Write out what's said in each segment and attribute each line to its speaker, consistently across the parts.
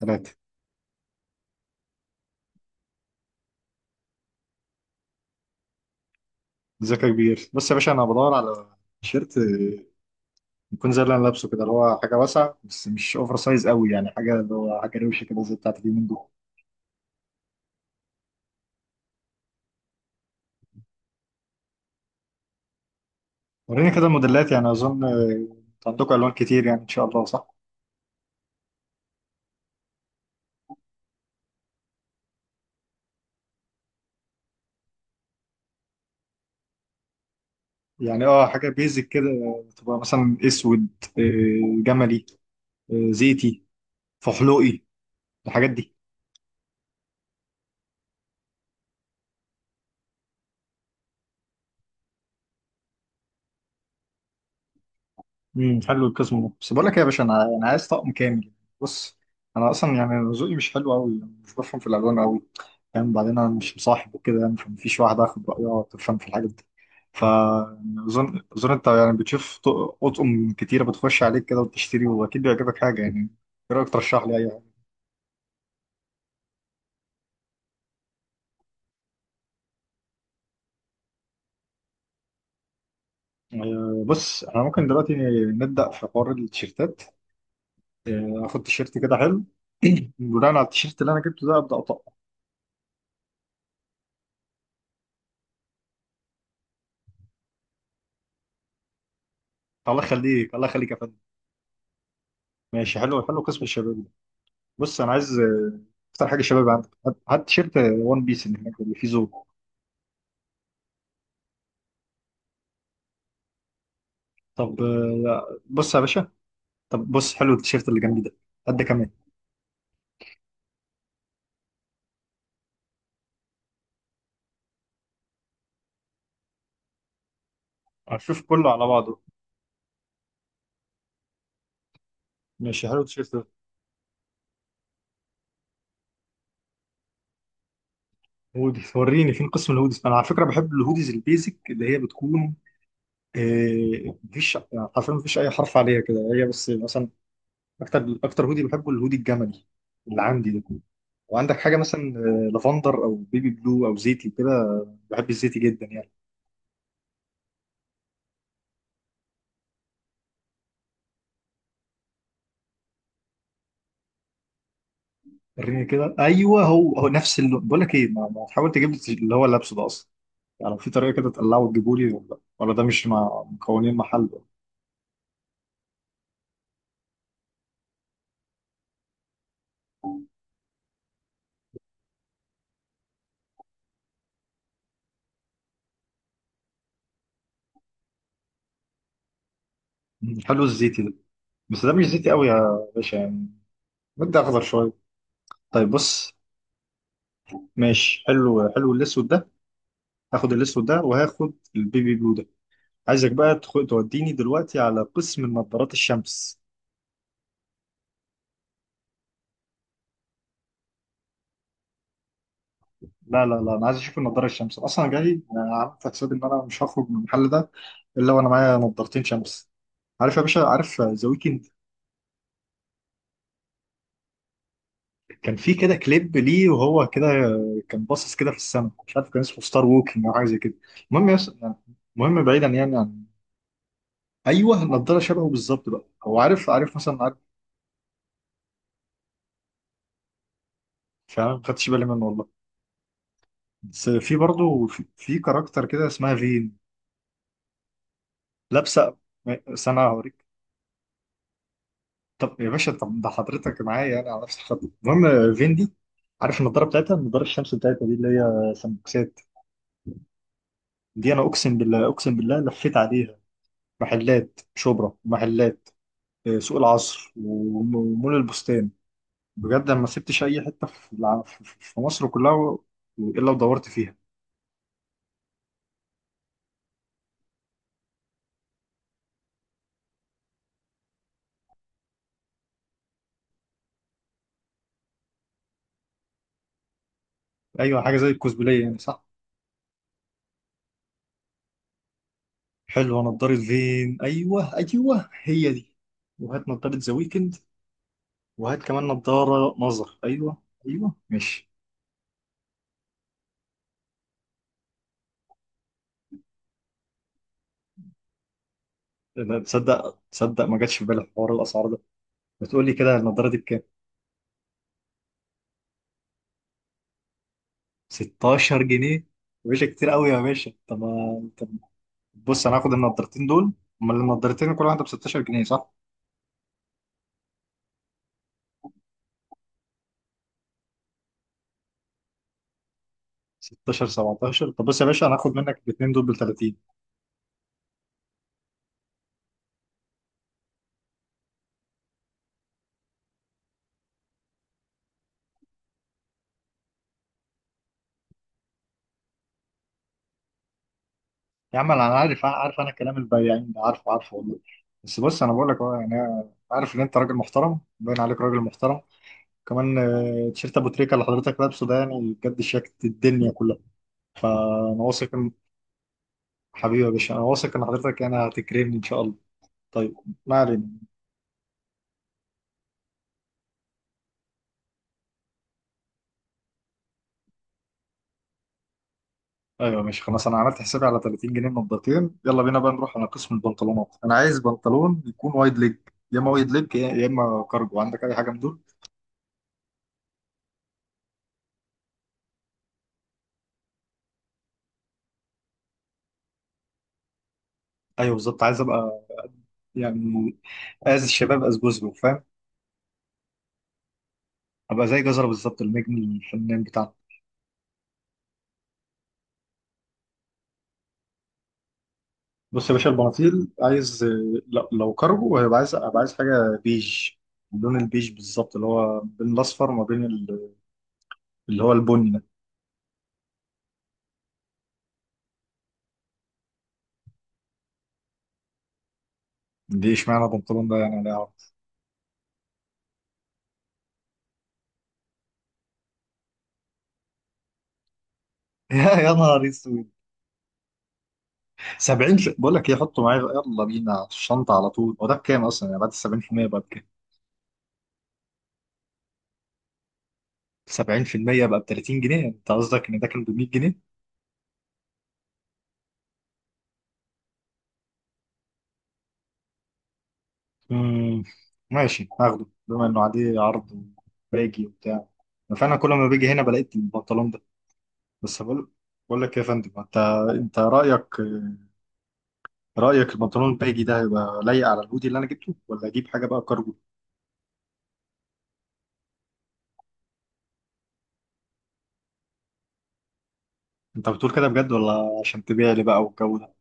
Speaker 1: ثلاثة ذكاء كبير، بص يا باشا، أنا بدور على تيشيرت يكون زي اللي أنا لابسه كده، اللي هو حاجة واسعة بس مش أوفر سايز قوي، يعني حاجة اللي هو حاجة روشة كده زي بتاعت اليومين دول. وريني كده الموديلات، يعني أظن عندكم ألوان كتير يعني إن شاء الله، صح؟ يعني حاجة بيزك كده، تبقى مثلا أسود، جملي، زيتي، فحلوقي، الحاجات دي. حلو القسم ده، بس بقول لك إيه يا باشا، انا عايز طقم كامل. بص، انا اصلا يعني ذوقي مش حلو قوي، مش بفهم في الالوان قوي، يعني بعدين انا مش مصاحب وكده يعني، فمفيش واحده اخد رايها تفهم في الحاجات دي. فاظن انت يعني بتشوف، اطقم كتيره بتخش عليك كده وبتشتري واكيد بيعجبك حاجه يعني. ايه رايك ترشح لي اي حاجه؟ بص، احنا ممكن دلوقتي نبدا في حوار التيشيرتات. اخد تيشيرت كده حلو. بناء على التيشيرت اللي انا جبته ده، ابدا اطقم. الله يخليك، الله يخليك يا فندم. ماشي، حلو حلو قسم الشباب ده. بص انا عايز اكتر حاجه شباب عندك. هات هات تيشيرت وان بيس اللي هناك اللي فيه زور. طب بص يا باشا، طب بص، حلو التيشيرت اللي جنبي ده، قد كمان. هشوف كله على بعضه. ماشي، حلو التيشيرت ده. هودي، وريني فين قسم الهوديز. انا على فكره بحب الهوديز البيزك، اللي هي بتكون مفيش، يعني حرفيا مفيش اي حرف عليها كده، هي بس مثلا. اكتر اكتر هودي بحبه، الهودي الجملي اللي عندي ده. وعندك حاجه مثلا لافندر او بيبي بلو او زيتي كده. بحب الزيتي جدا يعني. وريني كده. ايوه، هو هو نفس اللون. بقول لك ايه، ما تحاول تجيب لي اللي هو لابسه ده اصلا، يعني في طريقه كده تقلعه وتجيبه لي، ولا ده مش مع مكونين محله؟ حلو الزيتي ده، بس ده مش زيتي قوي يا باشا يعني، مدي اخضر شويه. طيب بص، ماشي، حلو حلو الاسود ده. هاخد الاسود ده وهاخد البيبي بلو ده. عايزك بقى توديني دلوقتي على قسم نظارات الشمس. لا لا لا، انا عايز اشوف النضاره الشمس، اصلا جاي. أنا عملت حسابي ان انا مش هخرج من المحل ده الا وانا معايا نضارتين شمس. عارف يا باشا؟ عارف ذا ويكند؟ كان في كده كليب ليه وهو كده كان باصص كده في السماء، مش عارف كان اسمه ستار ووكينج او حاجه زي كده، المهم المهم، بعيدا يعني عن، ايوه، النضاره شبهه بالظبط بقى. هو عارف عارف مثلا، عارف. فعلا ما خدتش بالي منه والله. بس في برضه، في كاركتر كده اسمها فين، لابسه، سنه هوريك. طب يا باشا، طب ده حضرتك معايا يعني على نفس الخط. المهم فين دي؟ عارف النضاره بتاعتها، النضاره الشمس بتاعتها دي اللي هي سمبوكسات. دي انا اقسم بالله، اقسم بالله لفيت عليها محلات شبرا، محلات سوق العصر، ومول البستان. بجد انا ما سبتش اي حته في في مصر كلها الا ودورت فيها. ايوه، حاجه زي الكوسبلاي يعني، صح. حلوه نضاره، فين؟ ايوه ايوه، هي دي. وهات نضاره ذا ويكند، وهات كمان نضاره نظر. ايوه ايوه، ماشي. لا، تصدق تصدق، ما جاتش في بالي حوار الاسعار ده. بتقول لي كده النضاره دي بكام؟ 16 جنيه يا باشا؟ كتير قوي يا باشا، طب ما بص، انا هاخد النضارتين دول. امال النضارتين كل واحده ب 16 جنيه صح؟ 16، 17، طب بص يا باشا، انا هاخد منك الاثنين دول ب 30. يا عم انا عارف عارف، انا كلام البياعين ده عارفه عارفه والله، بس بص، انا بقول لك اهو يعني. أنا عارف ان انت راجل محترم، باين عليك راجل محترم، كمان تيشيرت ابو تريكه اللي حضرتك لابسه ده، يعني بجد شياكة الدنيا كلها. فانا واثق ان، حبيبي يا باشا، انا واثق ان حضرتك يعني هتكرمني ان شاء الله. طيب، ما علينا. ايوه، ماشي، خلاص. انا عملت حسابي على 30 جنيه نضارتين. يلا بينا بقى نروح على قسم البنطلونات. انا عايز بنطلون يكون وايد ليج، يا اما وايد ليج، يا اما كارجو. عندك اي حاجه من دول؟ ايوه بالظبط، عايز ابقى يعني از الشباب از جوزله، فاهم؟ ابقى زي جزره بالظبط، النجم الفنان بتاعنا. بص يا باشا، البناطيل عايز، لو كارجو هيبقى عايز ابقى، عايز حاجه بيج. اللون البيج بالظبط، اللي هو بين الاصفر وما بين اللي هو البني ده. دي اشمعنى بنطلون ده يعني؟ لا. يا نهار اسود، 70؟ بقول لك ايه، حطه معايا، يلا بينا في الشنطه على طول. هو ده بكام اصلا يعني بعد ال 70% بقى بكام؟ 70% بقى ب 30 جنيه؟ انت قصدك ان ده كان ب 100 جنيه؟ امم ماشي، هاخده بما انه عليه عرض وباجي وبتاع، فانا كل ما باجي هنا بلاقي البنطلون ده. بس بقول لك إيه يا فندم، انت رايك البنطلون الباجي ده هيبقى لايق على الهودي اللي انا جبته، ولا اجيب حاجه بقى كارجو؟ انت بتقول كده بجد ولا عشان تبيع لي بقى والجو ده؟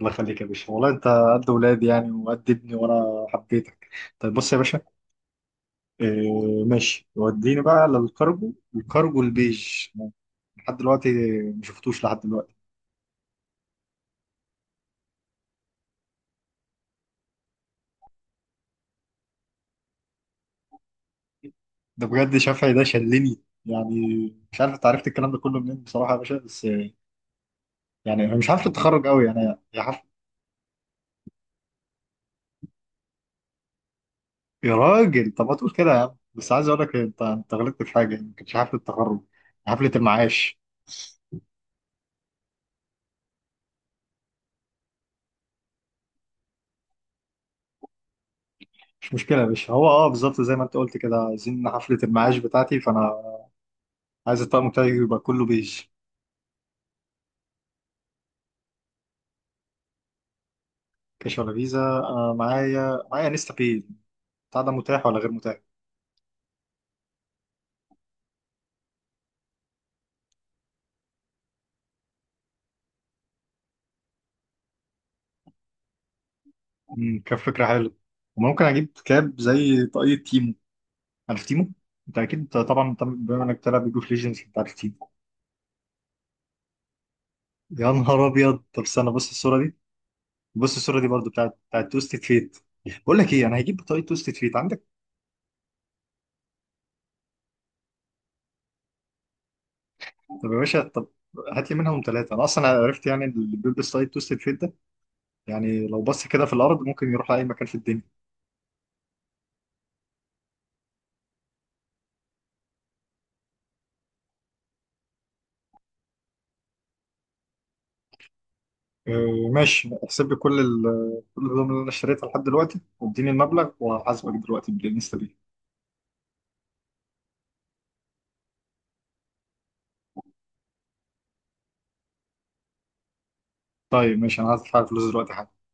Speaker 1: الله يخليك يا باشا، والله انت قد ولادي يعني وقد ابني، وانا حبيتك. طيب بص يا باشا، اه ماشي، وديني بقى للكارجو، الكارجو البيج. لحد دلوقتي ما شفتوش لحد دلوقتي. ده بجد شافعي ده شلني يعني، مش عارف انت عرفت الكلام ده كله منين بصراحه يا باشا، بس يعني انا مش عارف التخرج قوي يعني. يا حف... يا راجل، طب ما تقول كده يا عم. بس عايز اقول لك، انت غلطت في حاجه، يعني ما كانتش حفله التخرج، حفله المعاش. مش مشكله يا باشا، هو بالظبط زي ما انت قلت كده، عايزين حفله المعاش بتاعتي، فانا عايز الطقم بتاعي يبقى كله بيج. كاش ولا فيزا؟ انا معايا نستا باي. بتاع ده متاح ولا غير متاح؟ كان فكره حلوه. وممكن اجيب كاب زي طاقية تيمو. عارف تيمو؟ انت اكيد طبعا، بما انك بتلعب ليج اوف ليجندز انت عارف تيمو. يا نهار ابيض، طب استنى، بص الصوره دي، بص الصوره دي برضو بتاعت توستد فيت. بقول لك ايه، انا هجيب طاقية توستد فيت. عندك؟ طب يا باشا، طب هات لي منهم ثلاثه. انا اصلا عرفت يعني اللي بيلبس طاقية توستد فيت ده يعني، لو بص كده في الارض ممكن يروح لاي مكان في الدنيا. ماشي، احسب لي كل كل الهدوم اللي انا اشتريتها لحد دلوقتي واديني المبلغ، وهحاسبك دلوقتي بالنسبه دي. طيب ماشي، انا هدفع الفلوس دلوقتي حالا.